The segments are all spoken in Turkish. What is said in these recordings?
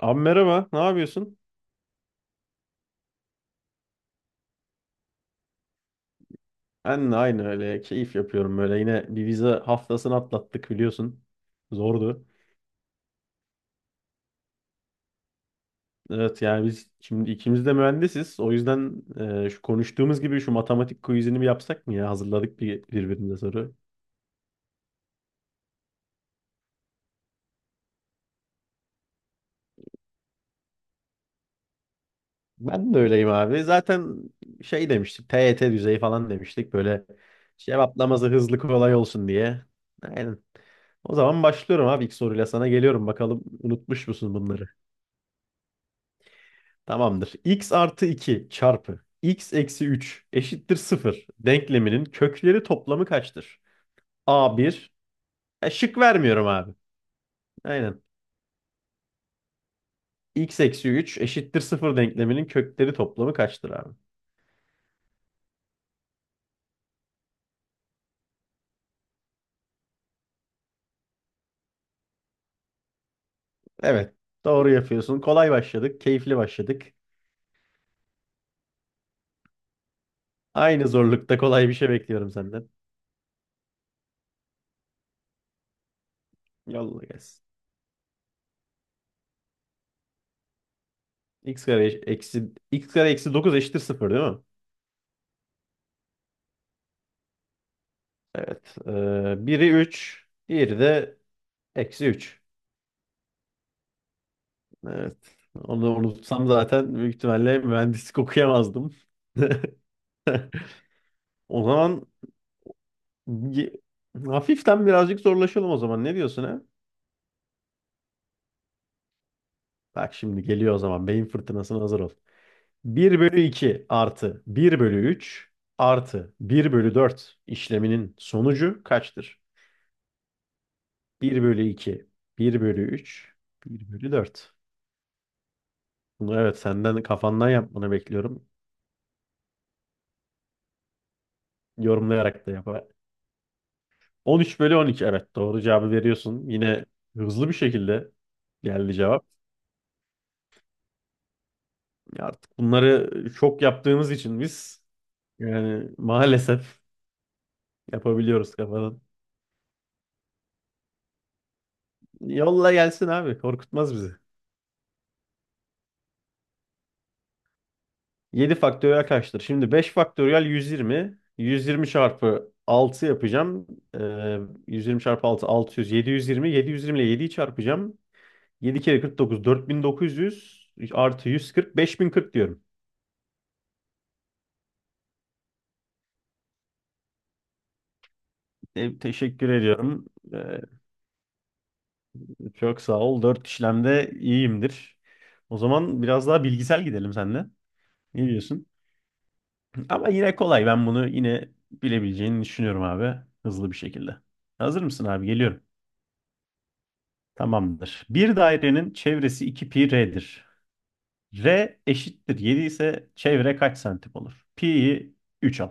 Abi merhaba, ne yapıyorsun? Ben de aynı öyle keyif yapıyorum böyle. Yine bir vize haftasını atlattık biliyorsun. Zordu. Evet yani biz şimdi ikimiz de mühendisiz. O yüzden şu konuştuğumuz gibi şu matematik quizini bir yapsak mı ya? Hazırladık bir birbirimize soru. Ben de öyleyim abi. Zaten şey demiştik, TYT düzeyi falan demiştik. Böyle cevaplaması hızlı, kolay olsun diye. Aynen. O zaman başlıyorum abi, ilk soruyla sana geliyorum. Bakalım unutmuş musun bunları? Tamamdır. X artı 2 çarpı x eksi 3 eşittir 0 denkleminin kökleri toplamı kaçtır? A bir, şık vermiyorum abi. Aynen. x eksi 3 eşittir 0 denkleminin kökleri toplamı kaçtır abi? Evet. Doğru yapıyorsun. Kolay başladık. Keyifli başladık. Aynı zorlukta kolay bir şey bekliyorum senden. Yolla gelsin. Eksi x kare eksi 9 eşittir 0 değil mi? Evet. Biri 3, diğeri de eksi 3. Evet. Onu unutsam zaten büyük ihtimalle mühendislik okuyamazdım. O zaman ye- hafiften birazcık zorlaşalım o zaman. Ne diyorsun, ha? Bak, şimdi geliyor o zaman. Beyin fırtınasına hazır ol. Bir bölü 2 artı bir bölü 3 artı bir bölü 4 işleminin sonucu kaçtır? Bir bölü iki, bir bölü üç, bir bölü 4. Bunu evet senden kafandan yapmanı bekliyorum. Yorumlayarak da yap. 13 bölü 12, evet, doğru cevabı veriyorsun. Yine hızlı bir şekilde geldi cevap. Ya, artık bunları çok yaptığımız için biz yani maalesef yapabiliyoruz kafadan. Yolla gelsin abi, korkutmaz bizi. 7 faktöriyel kaçtır? Şimdi 5 faktöriyel 120. 120 çarpı 6 yapacağım. Ee, 120 çarpı 6 600. 720. 720 ile 7'yi çarpacağım. 7 kere 49, 4900 artı 140, 5040 diyorum. Teşekkür ediyorum. Çok sağ ol. Dört işlemde iyiyimdir. O zaman biraz daha bilgisel gidelim seninle. Ne diyorsun? Ama yine kolay. Ben bunu yine bilebileceğini düşünüyorum abi. Hızlı bir şekilde. Hazır mısın abi? Geliyorum. Tamamdır. Bir dairenin çevresi 2 pi r'dir. R eşittir 7 ise çevre kaç santim olur? Pi'yi 3 al.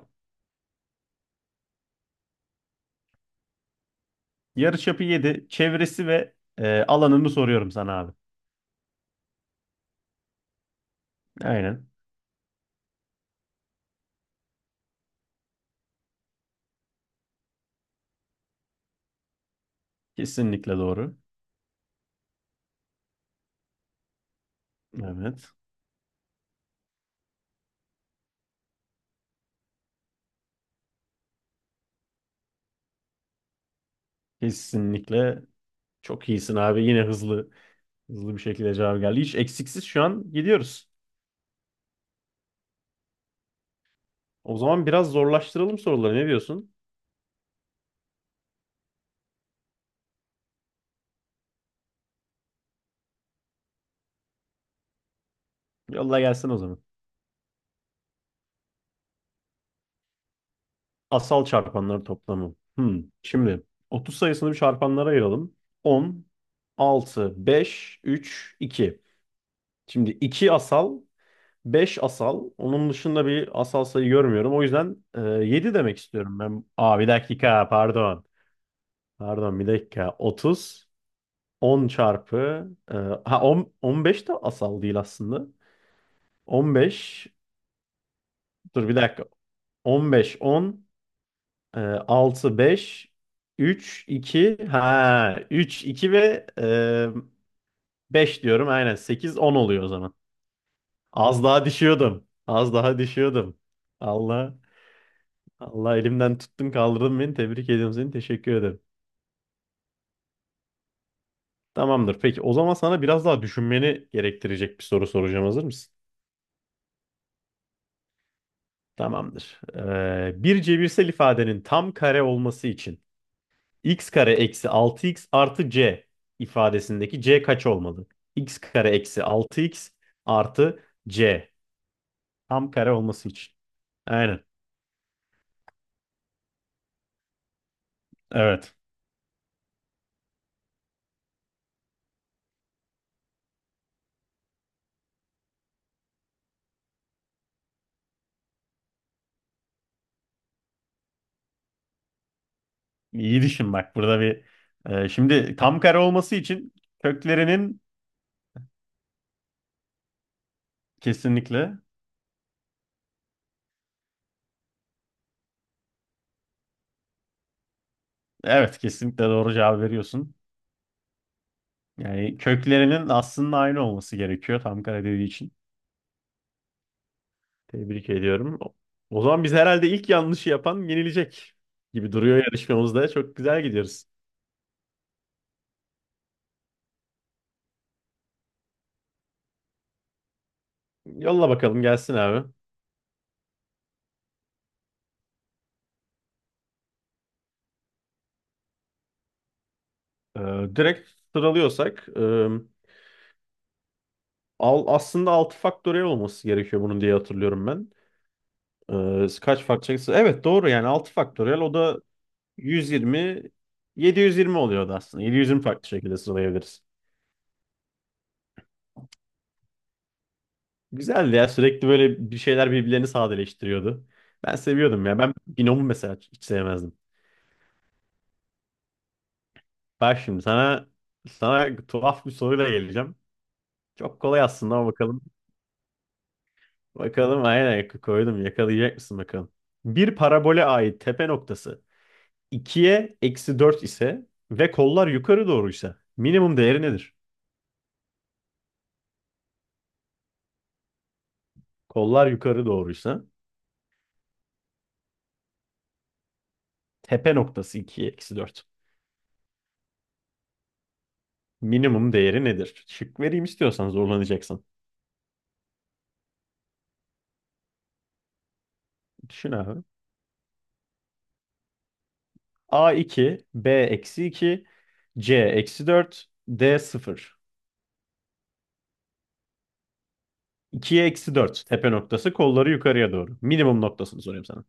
Yarıçapı 7. Çevresi ve alanını soruyorum sana abi. Aynen. Kesinlikle doğru. Evet. Kesinlikle çok iyisin abi. Yine Hızlı bir şekilde cevap geldi. Hiç eksiksiz şu an gidiyoruz. O zaman biraz zorlaştıralım soruları. Ne diyorsun? Yolla gelsin o zaman. Asal çarpanların toplamı. Hmm. Şimdi 30 sayısını bir çarpanlara ayıralım. 10, 6, 5, 3, 2. Şimdi 2 asal, 5 asal. Onun dışında bir asal sayı görmüyorum. O yüzden 7 demek istiyorum ben. Aa, bir dakika, pardon. Pardon, bir dakika. 30, 10 çarpı. Ha, 10, 15 de asal değil aslında. 15, dur bir dakika. 15, 10, e, 6, 5, 3, 2, ha, 3, 2 ve 5 diyorum, aynen 8, 10 oluyor o zaman. Az daha düşüyordum. Az daha düşüyordum. Allah Allah, elimden tuttun, kaldırdın beni. Tebrik ediyorum seni. Teşekkür ederim. Tamamdır. Peki, o zaman sana biraz daha düşünmeni gerektirecek bir soru soracağım. Hazır mısın? Tamamdır. Bir cebirsel ifadenin tam kare olması için x kare eksi 6x artı c ifadesindeki c kaç olmalı? X kare eksi 6x artı c tam kare olması için. Aynen. Evet. İyi düşün bak, burada bir şimdi tam kare olması için köklerinin kesinlikle, evet, kesinlikle doğru cevap veriyorsun. Yani köklerinin aslında aynı olması gerekiyor, tam kare dediği için. Tebrik ediyorum. O zaman biz herhalde ilk yanlışı yapan yenilecek gibi duruyor yarışmamızda. Çok güzel gidiyoruz. Yolla bakalım gelsin abi. Direkt sıralıyorsak aslında 6 faktöriyel olması gerekiyor bunun diye hatırlıyorum ben. Kaç faktöriyel? Evet, doğru yani 6 faktöriyel o da 120 720 oluyordu aslında. 720 farklı şekilde sıralayabiliriz. Güzeldi ya, sürekli böyle bir şeyler birbirlerini sadeleştiriyordu. Ben seviyordum ya. Ben binomu mesela hiç sevmezdim. Bak, şimdi sana tuhaf bir soruyla geleceğim. Çok kolay aslında ama bakalım. Bakalım, aynen koydum. Yakalayacak mısın bakalım. Bir parabole ait tepe noktası 2'ye eksi 4 ise ve kollar yukarı doğruysa minimum değeri nedir? Kollar yukarı doğruysa tepe noktası 2'ye eksi 4. Minimum değeri nedir? Şık vereyim, istiyorsan zorlanacaksın. Düşün abi. A2, B eksi 2, C eksi 4, D sıfır. 2'ye eksi 4 tepe noktası, kolları yukarıya doğru. Minimum noktasını soruyorum sana.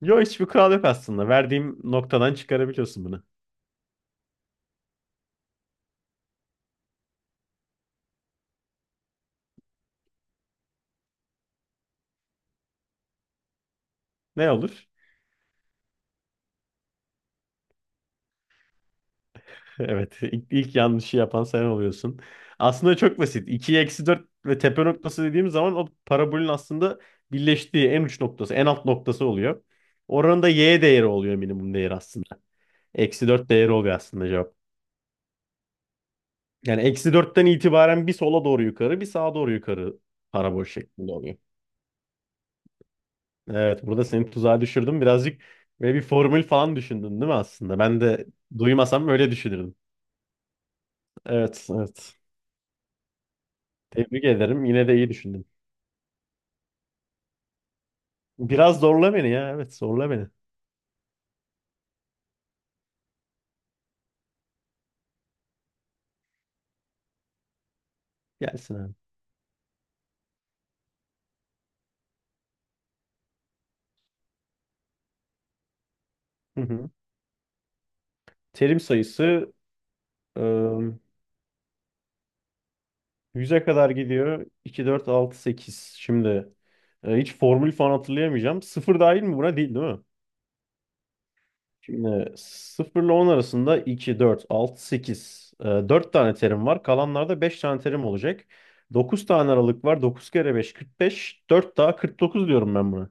Yo, hiçbir kural yok aslında. Verdiğim noktadan çıkarabiliyorsun bunu. Ne olur? Evet, ilk yanlışı yapan sen oluyorsun. Aslında çok basit. 2'ye eksi 4 ve tepe noktası dediğimiz zaman o parabolün aslında birleştiği en uç noktası, en alt noktası oluyor. Oranın da y değeri oluyor, minimum değeri aslında. Eksi 4 değeri oluyor aslında cevap. Yani eksi dörtten itibaren bir sola doğru yukarı, bir sağa doğru yukarı parabol şeklinde oluyor. Evet, burada seni tuzağa düşürdüm. Birazcık ve bir formül falan düşündün değil mi aslında? Ben de duymasam öyle düşünürdüm. Evet, evet. Tebrik ederim. Yine de iyi düşündün. Biraz zorla beni ya. Evet, zorla beni. Gelsin abi. Hı hı. Terim sayısı ıı, 100'e kadar gidiyor. 2, 4, 6, 8. Şimdi hiç formül falan hatırlayamayacağım. 0 dahil mi buna? Değil, değil mi? Şimdi 0 ile 10 arasında 2, 4, 6, 8. 4 tane terim var. Kalanlarda 5 tane terim olacak. 9 tane aralık var. 9 kere 5, 45. 4 daha 49 diyorum ben buna.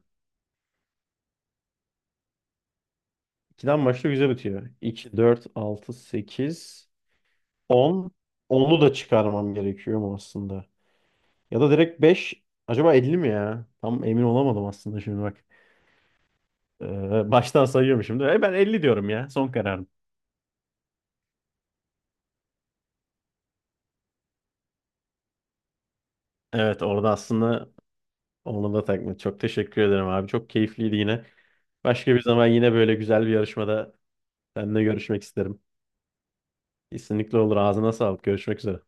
2'den başlıyor, 100'e bitiyor. 2, 4, 6, 8. 10 Onu da çıkarmam gerekiyor mu aslında? Ya da direkt 5. Acaba 50 mi ya? Tam emin olamadım aslında şimdi bak. Baştan sayıyorum şimdi. Ben 50 diyorum ya. Son kararım. Evet, orada aslında onu da takma. Çok teşekkür ederim abi. Çok keyifliydi yine. Başka bir zaman yine böyle güzel bir yarışmada seninle görüşmek isterim. Kesinlikle olur. Ağzına sağlık. Görüşmek üzere.